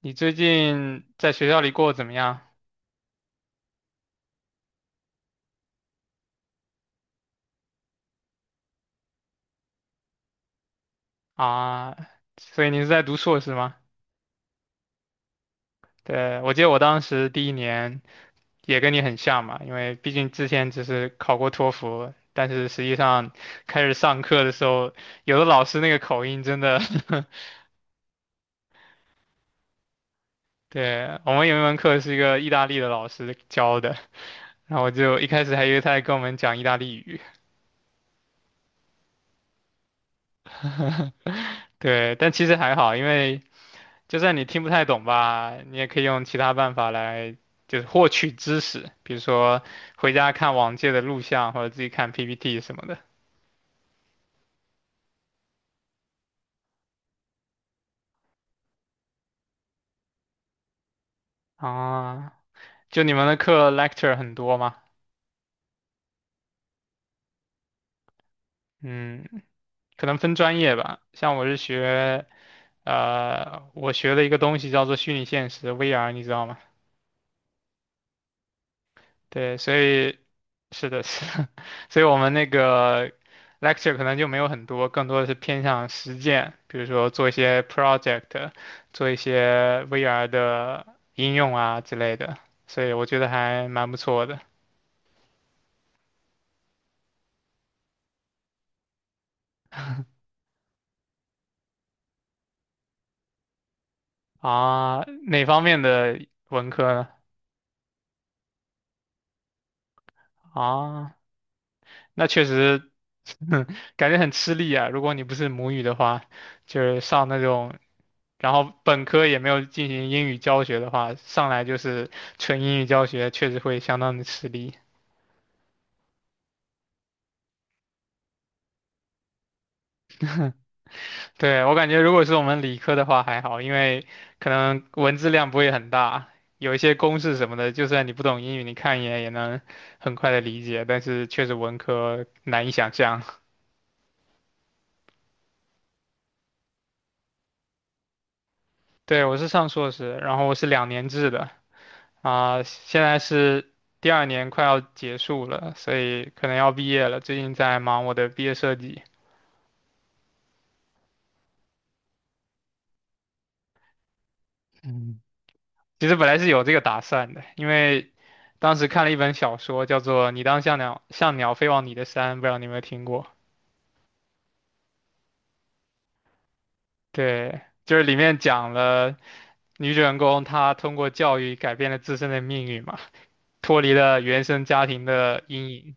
你最近在学校里过得怎么样啊？所以你是在读硕士吗？对，我记得我当时第一年也跟你很像嘛，因为毕竟之前只是考过托福，但是实际上开始上课的时候，有的老师那个口音真的 对，我们有一门课是一个意大利的老师教的，然后我就一开始还以为他在跟我们讲意大利语，对，但其实还好，因为就算你听不太懂吧，你也可以用其他办法来就是获取知识，比如说回家看往届的录像或者自己看 PPT 什么的。啊，就你们的课 lecture 很多吗？嗯，可能分专业吧。像我是学，我学的一个东西叫做虚拟现实 VR,你知道吗？对，所以是的，是的，所以我们那个 lecture 可能就没有很多，更多的是偏向实践，比如说做一些 project,做一些 VR 的应用啊之类的，所以我觉得还蛮不错的啊。哪方面的文科呢？啊，那确实，感觉很吃力啊。如果你不是母语的话，就是上那种，然后本科也没有进行英语教学的话，上来就是纯英语教学，确实会相当的吃力。对，我感觉，如果是我们理科的话还好，因为可能文字量不会很大，有一些公式什么的，就算你不懂英语，你看一眼也能很快的理解。但是确实文科难以想象。对，我是上硕士，然后我是2年制的。啊，现在是第二年快要结束了，所以可能要毕业了。最近在忙我的毕业设计。嗯，其实本来是有这个打算的，因为当时看了一本小说，叫做《你当像鸟像鸟飞往你的山》，不知道你有没有听过？对，就是里面讲了女主人公她通过教育改变了自身的命运嘛，脱离了原生家庭的阴影。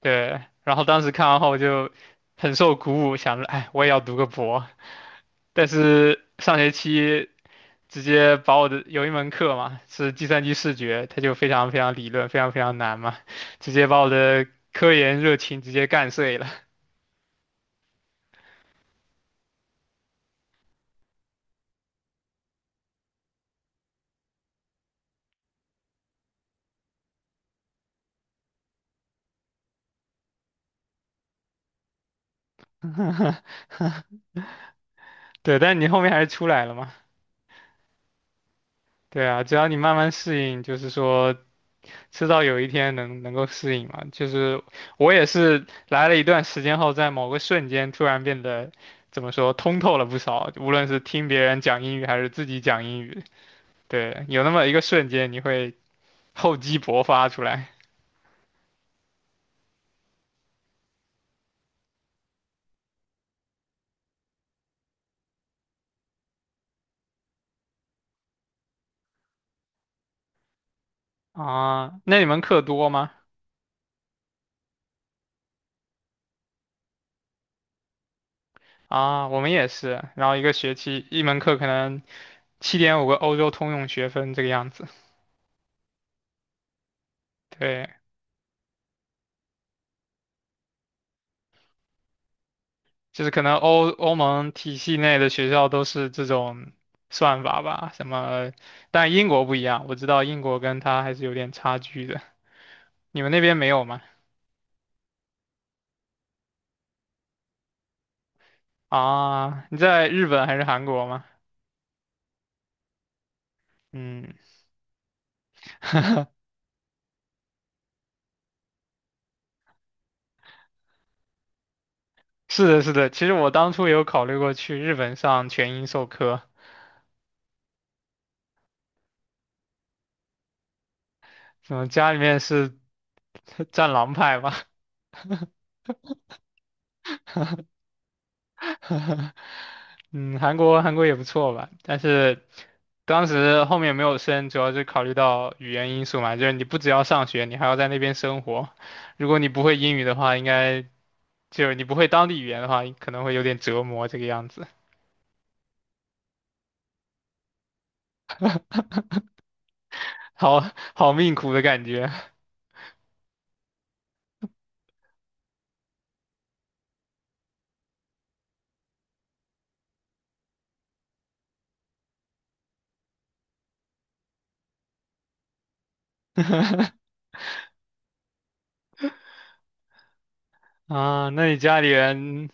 对，然后当时看完后就很受鼓舞，想着，哎，我也要读个博。但是上学期直接把我的有一门课嘛，是计算机视觉，它就非常非常理论，非常非常难嘛，直接把我的科研热情直接干碎了。对，但你后面还是出来了嘛。对啊，只要你慢慢适应，就是说，迟早有一天能够适应嘛。就是我也是来了一段时间后，在某个瞬间突然变得怎么说通透了不少，无论是听别人讲英语还是自己讲英语，对，有那么一个瞬间，你会 厚积薄发出来啊。那你们课多吗？啊，我们也是，然后一个学期一门课可能7.5个欧洲通用学分这个样子。对，就是可能欧盟体系内的学校都是这种算法吧，什么，但英国不一样，我知道英国跟它还是有点差距的。你们那边没有吗？啊，你在日本还是韩国吗？嗯，是的，是的。其实我当初有考虑过去日本上全英授课，嗯，家里面是 战狼派吧？嗯，韩国也不错吧，但是当时后面没有升，主要是考虑到语言因素嘛，就是你不只要上学，你还要在那边生活，如果你不会英语的话，应该就是你不会当地语言的话，可能会有点折磨这个样子，好好命苦的感觉 啊。那你家里人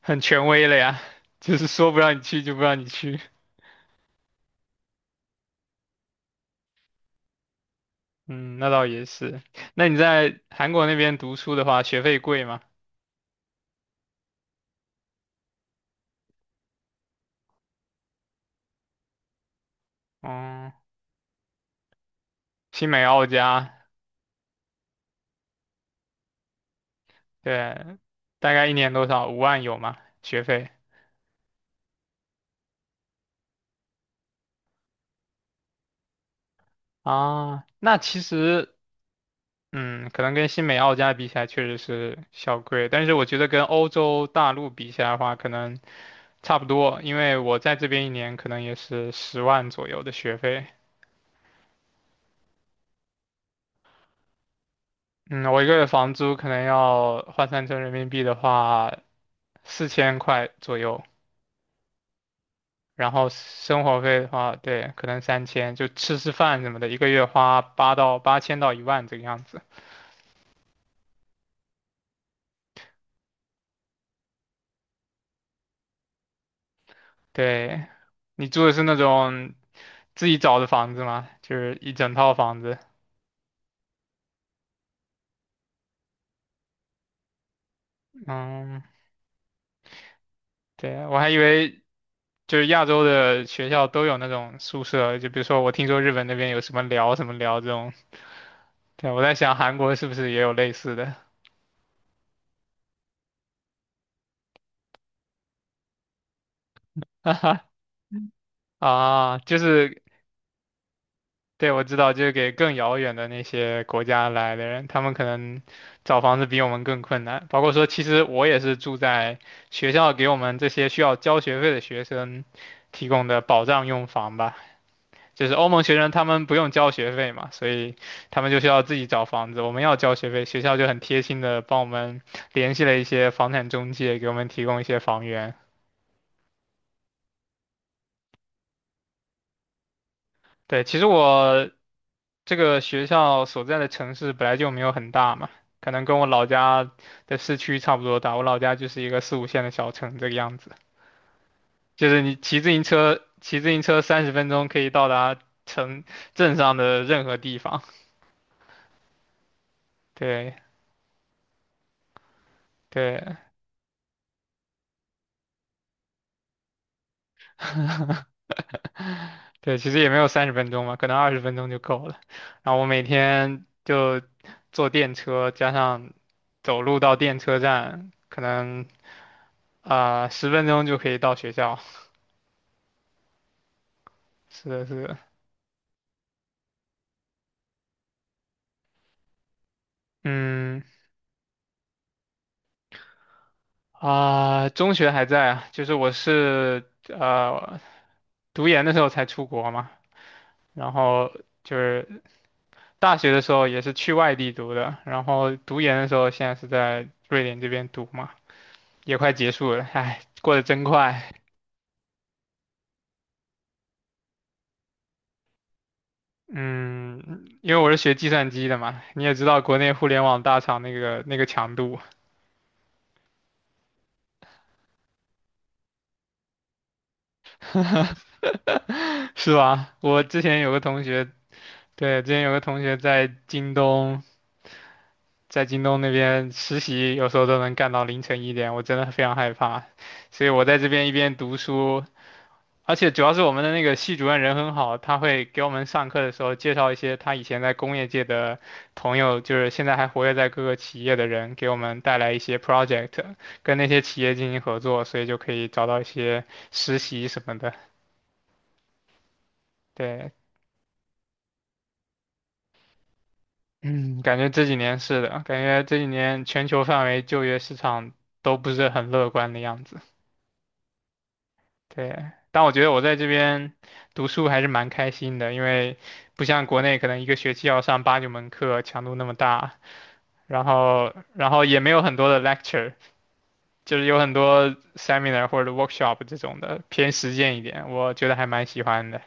很权威了呀，就是说不让你去就不让你去。嗯，那倒也是。那你在韩国那边读书的话，学费贵吗？嗯，新美澳加，对，大概一年多少？5万有吗？学费啊，那其实，嗯，可能跟新美澳加比起来确实是小贵，但是我觉得跟欧洲大陆比起来的话，可能差不多，因为我在这边一年可能也是10万左右的学费。嗯，我一个月房租可能要换算成人民币的话，4000块左右。然后生活费的话，对，可能3000，就吃吃饭什么的，一个月花八到8000到1万这个样子。对，你住的是那种自己找的房子吗？就是一整套房子。嗯，对啊，我还以为就是亚洲的学校都有那种宿舍，就比如说我听说日本那边有什么寮什么寮这种。对，我在想韩国是不是也有类似的？啊，就是对，我知道，就是给更遥远的那些国家来的人，他们可能找房子比我们更困难。包括说，其实我也是住在学校给我们这些需要交学费的学生提供的保障用房吧。就是欧盟学生他们不用交学费嘛，所以他们就需要自己找房子。我们要交学费，学校就很贴心的帮我们联系了一些房产中介，给我们提供一些房源。对，其实我这个学校所在的城市本来就没有很大嘛，可能跟我老家的市区差不多大。我老家就是一个四五线的小城这个样子，就是你骑自行车三十分钟可以到达城镇上的任何地方。对对对，其实也没有三十分钟嘛，可能20分钟就够了。然后我每天就坐电车，加上走路到电车站，可能啊十分钟就可以到学校。是的，是的。嗯啊，中学还在啊，就是我是读研的时候才出国嘛，然后就是大学的时候也是去外地读的，然后读研的时候现在是在瑞典这边读嘛，也快结束了，哎，过得真快。嗯，因为我是学计算机的嘛，你也知道国内互联网大厂那个强度，是吧？我之前有个同学，对，之前有个同学在京东。在京东那边实习，有时候都能干到凌晨一点，我真的非常害怕。所以我在这边一边读书，而且主要是我们的那个系主任人很好，他会给我们上课的时候介绍一些他以前在工业界的朋友，就是现在还活跃在各个企业的人，给我们带来一些 project,跟那些企业进行合作，所以就可以找到一些实习什么的。对，嗯，感觉这几年是的，感觉这几年全球范围就业市场都不是很乐观的样子。对，但我觉得我在这边读书还是蛮开心的，因为不像国内可能一个学期要上8、9门课，强度那么大，然后也没有很多的 lecture,就是有很多 seminar 或者 workshop 这种的，偏实践一点，我觉得还蛮喜欢的。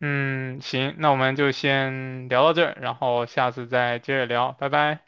嗯，行，那我们就先聊到这儿，然后下次再接着聊，拜拜。